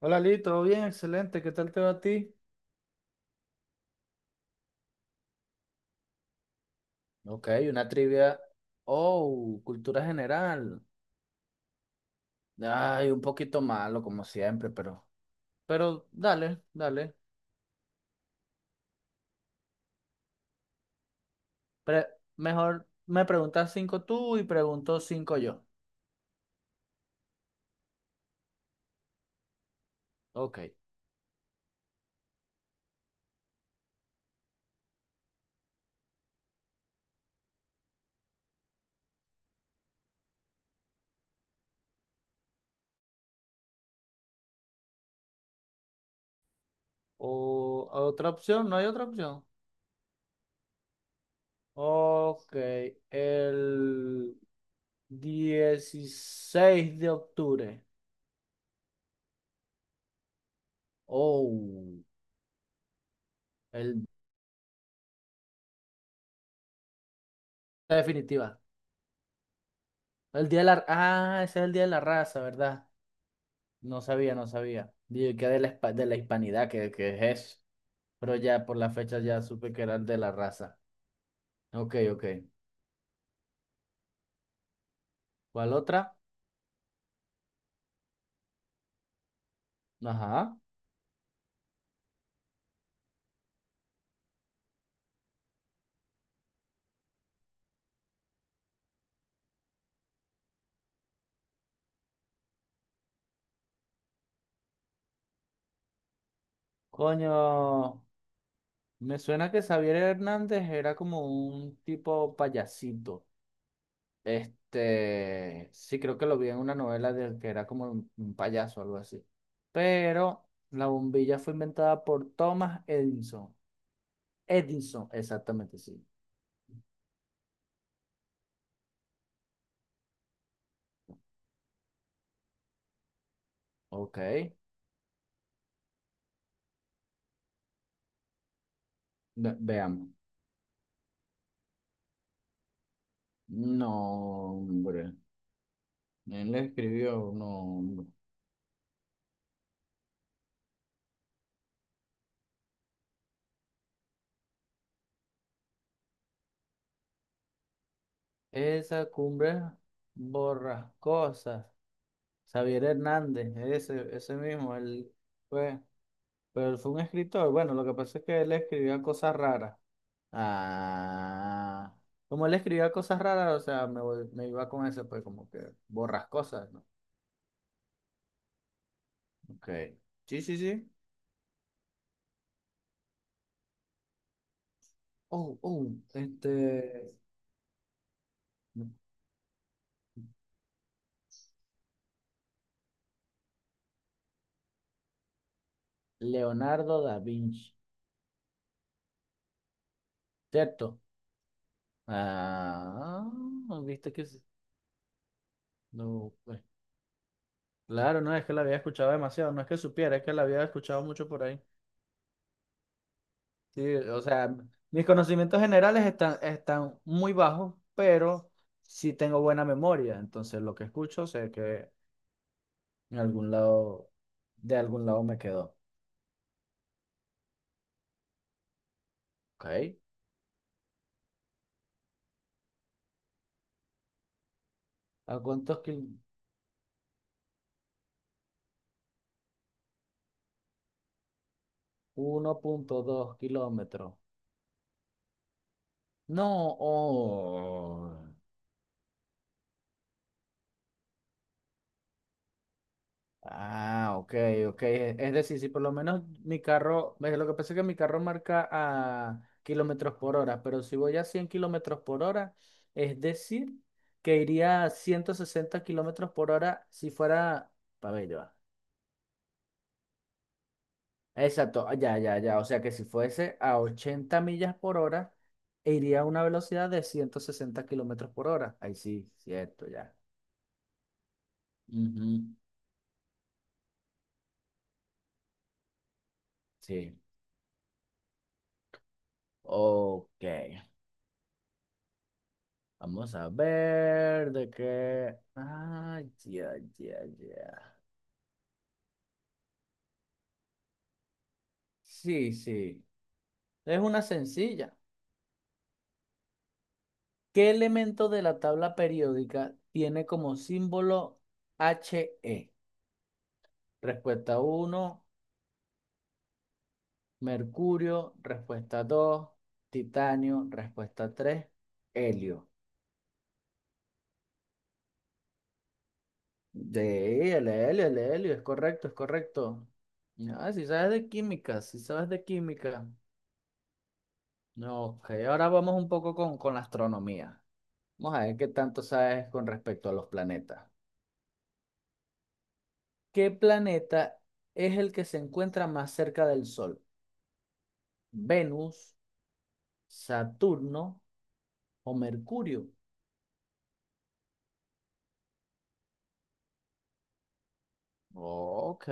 Hola Lee, ¿todo bien? Excelente, ¿qué tal te va a ti? Ok, una trivia. Oh, cultura general. Ay, un poquito malo como siempre, pero. Pero dale, dale. Pre- Mejor me preguntas cinco tú y pregunto cinco yo. Ok. O otra opción, no hay otra opción. Ok, el 16 de octubre. Oh, el... la definitiva. El día de la... Ah, ese es el día de la raza, ¿verdad? No sabía, no sabía. Dije que de la hispanidad, que es. Pero ya por la fecha ya supe que eran de la raza. Ok, ok. ¿Cuál otra? Ajá. Coño, me suena que Xavier Hernández era como un tipo payasito. Este, sí, creo que lo vi en una novela de que era como un payaso o algo así. Pero la bombilla fue inventada por Thomas Edison. Edison, exactamente, sí. Ok, veamos. No, hombre. Él escribió, no, hombre. Esa cumbre borrascosas. Xavier Hernández, ese mismo, él fue, pero él fue un escritor. Bueno, lo que pasa es que él escribía cosas raras. Ah, como él escribía cosas raras, o sea, me iba con eso, pues como que borrascosas, ¿no? Ok. Sí, sí, sí. Oh, oh, este. Leonardo da Vinci, ¿cierto? Ah, ¿no viste que no, pues, claro, no es que la había escuchado demasiado, no es que supiera, es que la había escuchado mucho por ahí. Sí, o sea, mis conocimientos generales están muy bajos, pero sí tengo buena memoria, entonces lo que escucho sé que en algún lado, de algún lado me quedó. ¿Ok? ¿A cuántos kilómetros? 1,2 kilómetros. No, oh. Ah, ok, ok. Es decir, si por lo menos mi carro, ve, lo que pasa es que mi carro marca a kilómetros por hora, pero si voy a 100 kilómetros por hora, es decir, que iría a 160 kilómetros por hora si fuera, a ver, ya va. Exacto, ah, ya, ya, ya. O sea que si fuese a 80 millas por hora, iría a una velocidad de 160 kilómetros por hora. Ahí sí, cierto, ya. Ujú, sí, ok. Vamos a ver de qué. Ah, ya, ya, ya. Sí, sí. Es una sencilla. ¿Qué elemento de la tabla periódica tiene como símbolo He? Respuesta uno, mercurio. Respuesta dos, titanio. Respuesta tres, helio. El helio. Es correcto, es correcto. Ah, si sabes de química, si sabes de química. No, ok, ahora vamos un poco con, la astronomía. Vamos a ver qué tanto sabes con respecto a los planetas. ¿Qué planeta es el que se encuentra más cerca del Sol? ¿Venus, Saturno o Mercurio? Ok,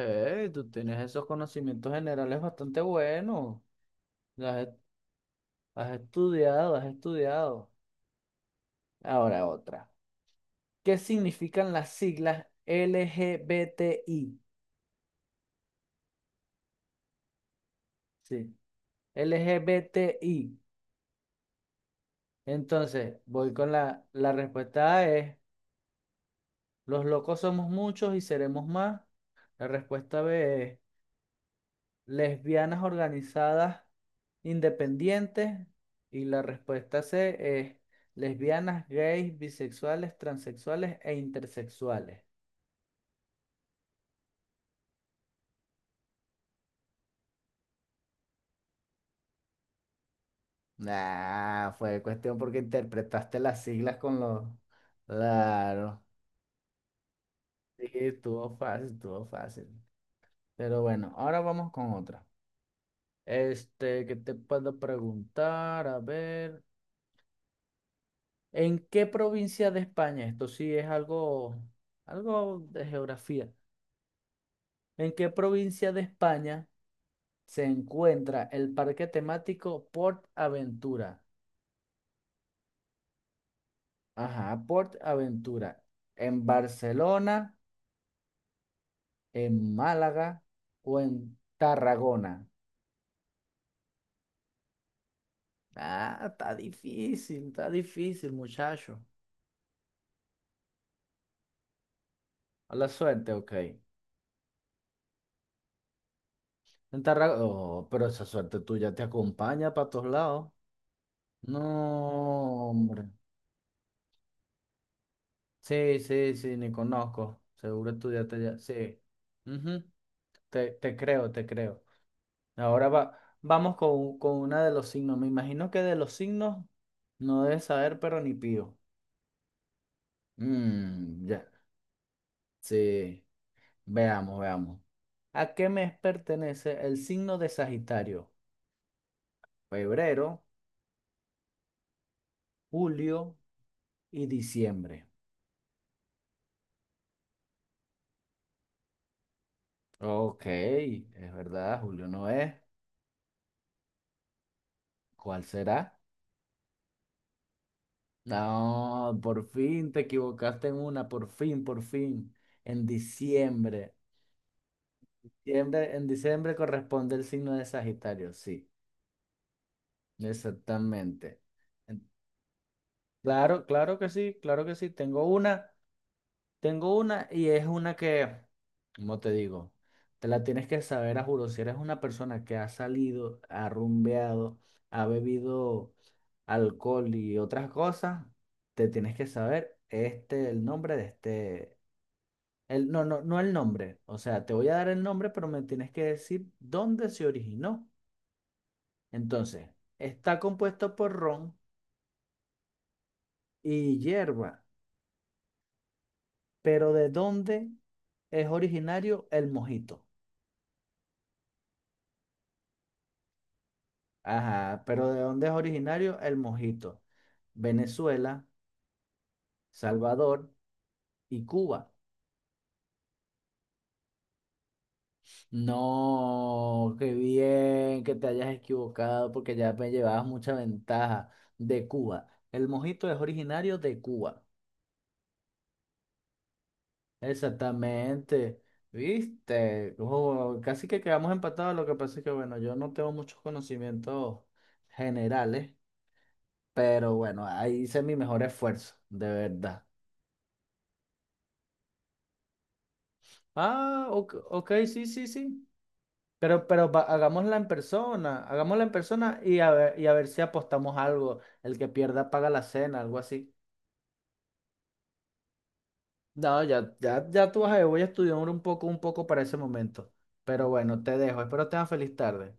tú tienes esos conocimientos generales bastante buenos. Las he- Has estudiado, has estudiado. Ahora otra. ¿Qué significan las siglas LGBTI? Sí, LGBTI. Entonces, voy con la respuesta A es: los locos somos muchos y seremos más. La respuesta B es: lesbianas organizadas independientes. Y la respuesta C es: lesbianas, gays, bisexuales, transexuales e intersexuales. Nah, fue cuestión porque interpretaste las siglas con los. Claro. Sí, estuvo fácil, estuvo fácil. Pero bueno, ahora vamos con otra. Este, ¿qué te puedo preguntar? A ver. ¿En qué provincia de España? Esto sí es algo, algo de geografía. ¿En qué provincia de España se encuentra el parque temático Port Aventura? Ajá, Port Aventura. ¿En Barcelona, en Málaga o en Tarragona? Ah, está difícil, muchacho. A la suerte, ok. En Tarragona. Oh, pero esa suerte tuya te acompaña para todos lados. No, hombre. Sí, sí, sí, ni conozco. Seguro estudiaste ya. Sí. Ujú, te creo, te creo. Ahora vamos con una de los signos. Me imagino que de los signos no debes saber, pero ni pío. Mm, ya. Sí. Veamos, veamos. ¿A qué mes pertenece el signo de Sagitario? Febrero, julio y diciembre. Ok, es verdad, julio no es. ¿Cuál será? No, por fin te equivocaste en una, por fin, por fin. En diciembre. En diciembre corresponde el signo de Sagitario, sí, exactamente. En- Claro, claro que sí, claro que sí. Tengo una y es una que, ¿cómo te digo? Te la tienes que saber a juro. Si eres una persona que ha salido, ha rumbeado, ha bebido alcohol y otras cosas, te tienes que saber este, el nombre de este. No, no, no el nombre. O sea, te voy a dar el nombre, pero me tienes que decir dónde se originó. Entonces, está compuesto por ron y hierba, pero ¿de dónde es originario el mojito? Ajá, pero ¿de dónde es originario el mojito? Venezuela, Salvador y Cuba. No, qué bien que te hayas equivocado porque ya me llevabas mucha ventaja. De Cuba. El mojito es originario de Cuba. Exactamente. ¿Viste? Ojo, casi que quedamos empatados. Lo que pasa es que, bueno, yo no tengo muchos conocimientos generales, pero bueno, ahí hice mi mejor esfuerzo, de verdad. Ah, ok, ok, sí, sí, sí. Pero, hagámosla en persona y a ver si apostamos algo. El que pierda paga la cena, algo así. No, ya, ya, ya tú vas a ver, voy a estudiar un poco para ese momento. Pero bueno, te dejo. Espero tengas feliz tarde.